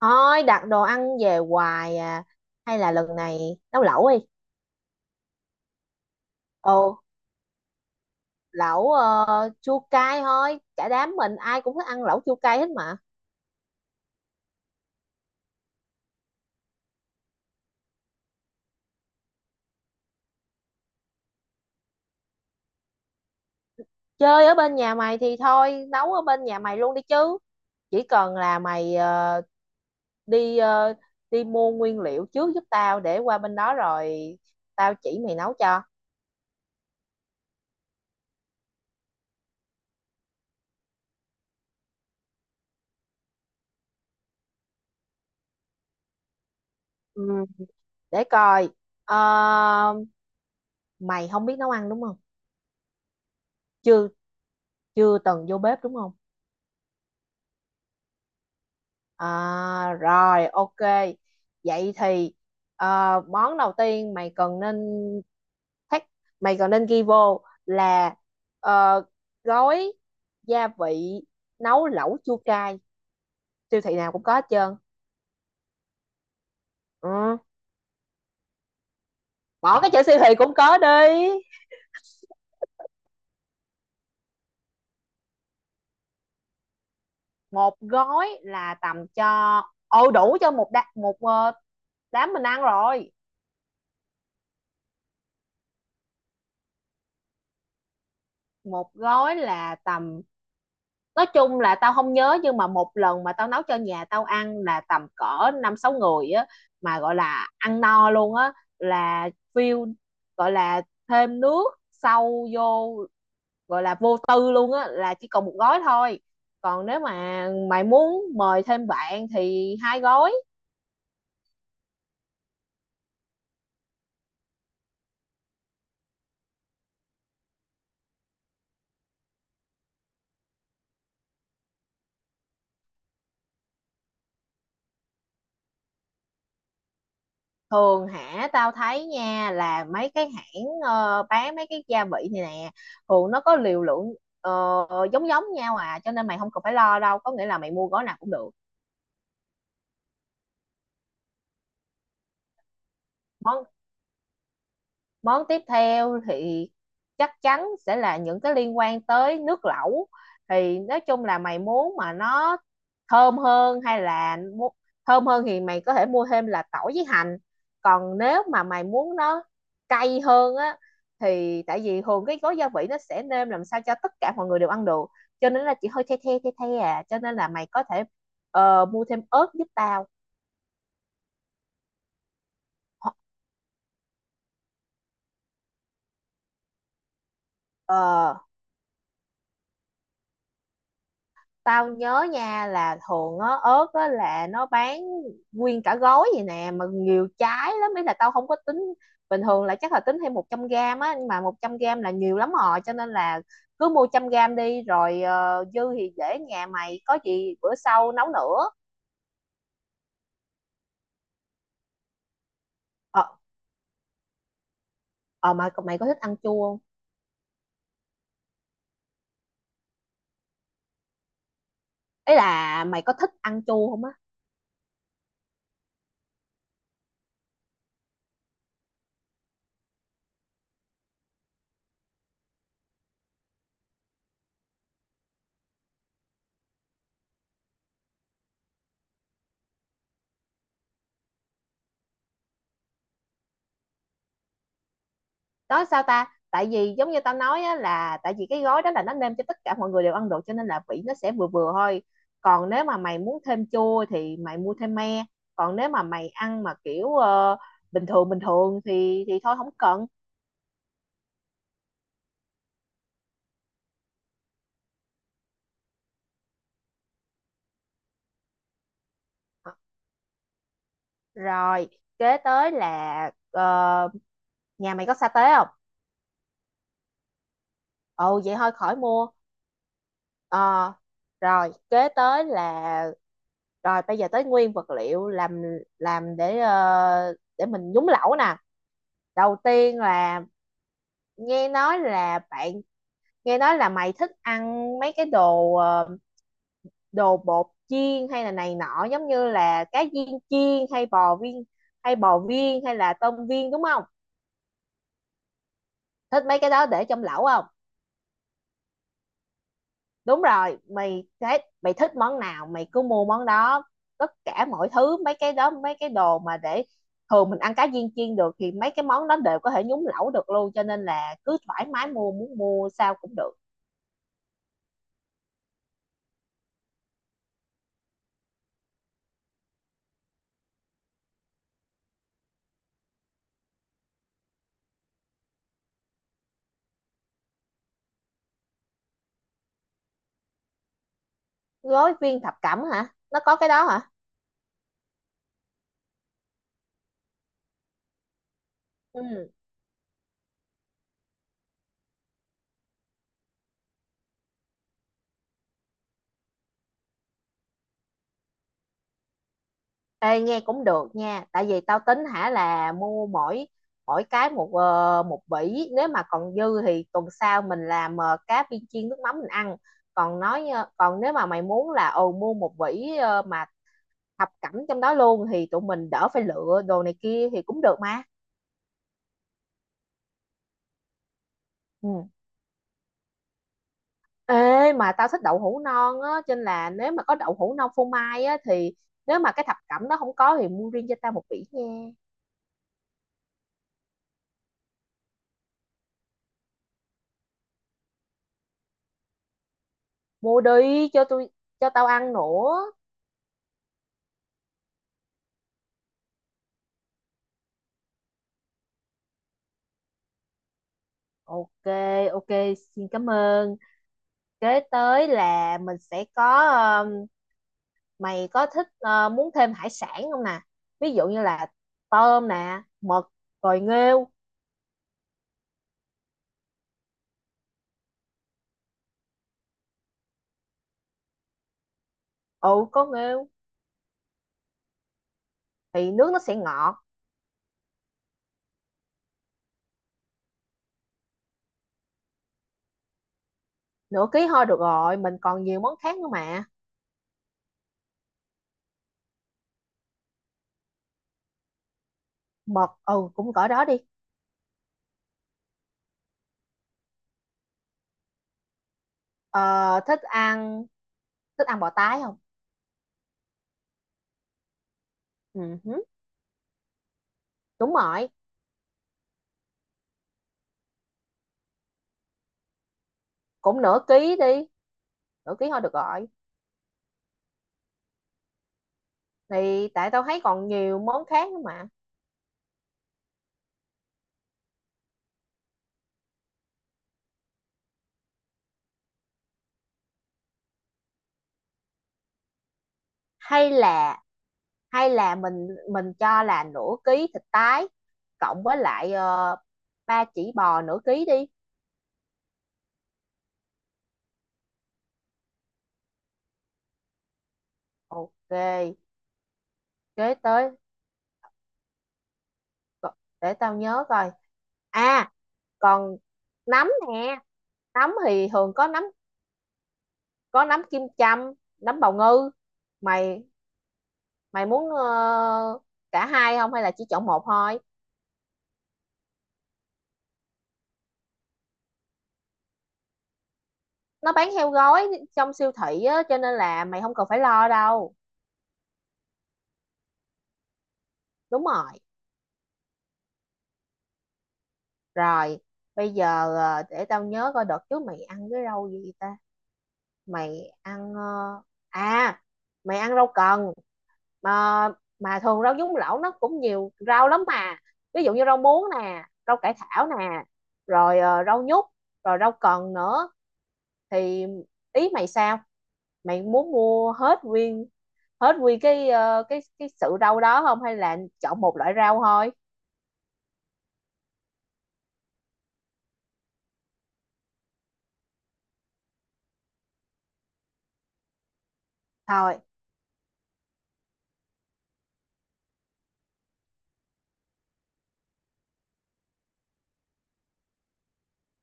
Thôi đặt đồ ăn về hoài à. Hay là lần này nấu lẩu đi. Ồ Lẩu chua cay thôi. Cả đám mình ai cũng thích ăn lẩu chua cay hết mà. Chơi ở bên nhà mày thì thôi. Nấu ở bên nhà mày luôn đi chứ. Chỉ cần là mày đi ờ, đi mua nguyên liệu trước giúp tao. Để qua bên đó rồi tao chỉ mày nấu cho. Ừ. Để coi. Ờ, Mày không biết nấu ăn đúng không? Chưa Chưa từng vô bếp đúng không? À rồi, ok. Vậy thì món đầu tiên mày cần nên thách mày cần nên ghi vô là ờ, gói gia vị nấu lẩu chua cay, siêu thị nào cũng có hết trơn. Ừ. Bỏ cái chữ siêu thị cũng có đi. Một gói là tầm cho đủ cho một đá, một ờ, đám mình ăn rồi. Một gói là tầm, nói chung là tao không nhớ, nhưng mà một lần mà tao nấu cho nhà tao ăn là tầm cỡ năm sáu người á, mà gọi là ăn no luôn á, là view, gọi là thêm nước sâu vô, gọi là vô tư luôn á là chỉ còn một gói thôi. Còn nếu mà mày muốn mời thêm bạn thì hai gói. Thường hả, tao thấy nha là mấy cái hãng bán mấy cái gia vị này nè, thường nó có liều lượng ờ, giống giống nhau à, cho nên mày không cần phải lo đâu, có nghĩa là mày mua gói nào cũng được. Món Món tiếp theo thì chắc chắn sẽ là những cái liên quan tới nước lẩu. Thì nói chung là mày muốn mà nó thơm hơn hay là thơm hơn thì mày có thể mua thêm là tỏi với hành. Còn nếu mà mày muốn nó cay hơn á thì tại vì thường cái gói gia vị nó sẽ nêm làm sao cho tất cả mọi người đều ăn được. Cho nên là chỉ hơi the à, cho nên là mày có thể mua thêm ớt giúp tao. Ho- Ờ, tao nhớ nha là thường á ớt á là nó bán nguyên cả gói vậy nè, mà nhiều trái lắm, ý là tao không có tính bình thường, là chắc là tính thêm 100 gram á, nhưng mà 100 gram là nhiều lắm rồi, cho nên là cứ mua 100 gram đi, rồi dư thì để nhà mày có gì bữa sau nấu nữa. ờ ờ mà mày có thích ăn chua không? Ý là mày có thích ăn chua không á? Đó sao ta, tại vì giống như tao nói á, là tại vì cái gói đó là nó nêm cho tất cả mọi người đều ăn được, cho nên là vị nó sẽ vừa vừa thôi. Còn nếu mà mày muốn thêm chua thì mày mua thêm me. Còn nếu mà mày ăn mà kiểu bình thường thì thôi không cần. Ờ, rồi kế tới là nhà mày có sa tế không? Ồ vậy thôi khỏi mua. Ờ, rồi kế tới là rồi bây giờ tới nguyên vật liệu làm để để mình nhúng lẩu nè. Đầu tiên là nghe nói là bạn nghe nói là mày thích ăn mấy cái đồ đồ bột chiên hay là này nọ, giống như là cá viên chiên hay bò viên hay là tôm viên, đúng không? Thích mấy cái đó để trong lẩu không? Đúng rồi, mày thấy mày thích món nào mày cứ mua món đó. Tất cả mọi thứ mấy cái đó, mấy cái đồ mà để thường mình ăn cá viên chiên được thì mấy cái món đó đều có thể nhúng lẩu được luôn, cho nên là cứ thoải mái mua, muốn mua sao cũng được. Gói viên thập cẩm hả? Nó có cái đó hả? Ừ. Ê, nghe cũng được nha, tại vì tao tính hả là mua mỗi mỗi cái một một vỉ, nếu mà còn dư thì tuần sau mình làm cá viên chiên nước mắm mình ăn. Còn còn nếu mà mày muốn là ồ mua một vỉ mà thập cẩm trong đó luôn thì tụi mình đỡ phải lựa đồ này kia thì cũng được mà. Ừ. Ê mà tao thích đậu hũ non á, cho nên là nếu mà có đậu hũ non phô mai á thì nếu mà cái thập cẩm đó không có thì mua riêng cho tao một vỉ nha. Mua đi cho tôi, cho tao ăn nữa. Ok ok, xin cảm ơn. Kế tới là mình sẽ có, um, mày có thích muốn thêm hải sản không nè? Ví dụ như là tôm nè, mực, rồi nghêu. Ừ có nghêu thì nước nó sẽ ngọt. Nửa ký thôi được rồi, mình còn nhiều món khác nữa mà. Mực ừ cũng cỡ đó đi. Ờ, thích ăn, thích ăn bò tái không? Ừ hứ, đúng rồi. Cũng nửa ký đi. Nửa ký thôi được rồi. Thì tại tao thấy còn nhiều món khác nữa mà. Hay là hay là mình mình cho là nửa ký thịt tái cộng với lại ba chỉ bò nửa ký đi. Ok, kế tới. co- để tao nhớ coi. À, còn nấm nè. Nấm thì thường có nấm, có nấm kim châm, nấm bào ngư. Mày Mày muốn cả hai không hay là chỉ chọn một thôi? Nó bán theo gói trong siêu thị á, cho nên là mày không cần phải lo đâu. Đúng rồi. Rồi, bây giờ để tao nhớ coi đợt trước mày ăn cái rau gì ta? Mày ăn à, mày ăn rau cần mà mà thường rau nhúng lẩu nó cũng nhiều rau lắm mà. Ví dụ như rau muống nè, rau cải thảo nè, rồi rau nhút, rồi rau cần nữa. Thì ý mày sao? Mày muốn mua hết nguyên cái cái sự rau đó không hay là chọn một loại rau thôi? Thôi,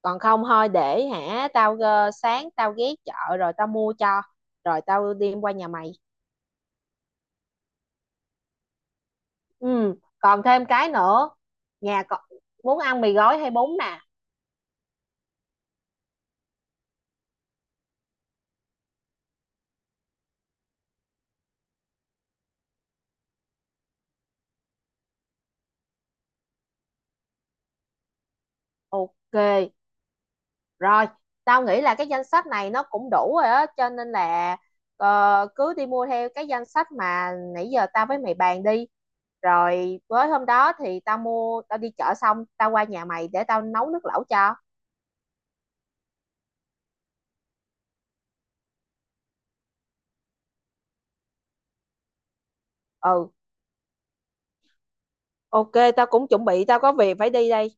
còn không thôi để hả tao sáng tao ghé chợ rồi tao mua cho, rồi tao đem qua nhà mày. Ừ còn thêm cái nữa. Nhà cậu muốn ăn mì gói hay bún nè? Ok rồi, tao nghĩ là cái danh sách này nó cũng đủ rồi á, cho nên là cứ đi mua theo cái danh sách mà nãy giờ tao với mày bàn đi, rồi với hôm đó thì tao mua, tao đi chợ xong tao qua nhà mày để tao nấu nước lẩu cho. Ừ. Ok, tao cũng chuẩn bị, tao có việc phải đi đây.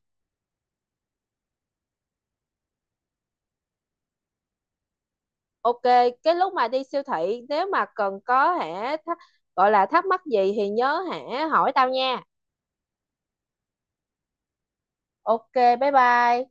Ok, cái lúc mà đi siêu thị nếu mà cần có hả gọi là thắc mắc gì thì nhớ hả hỏi tao nha. Ok, bye bye.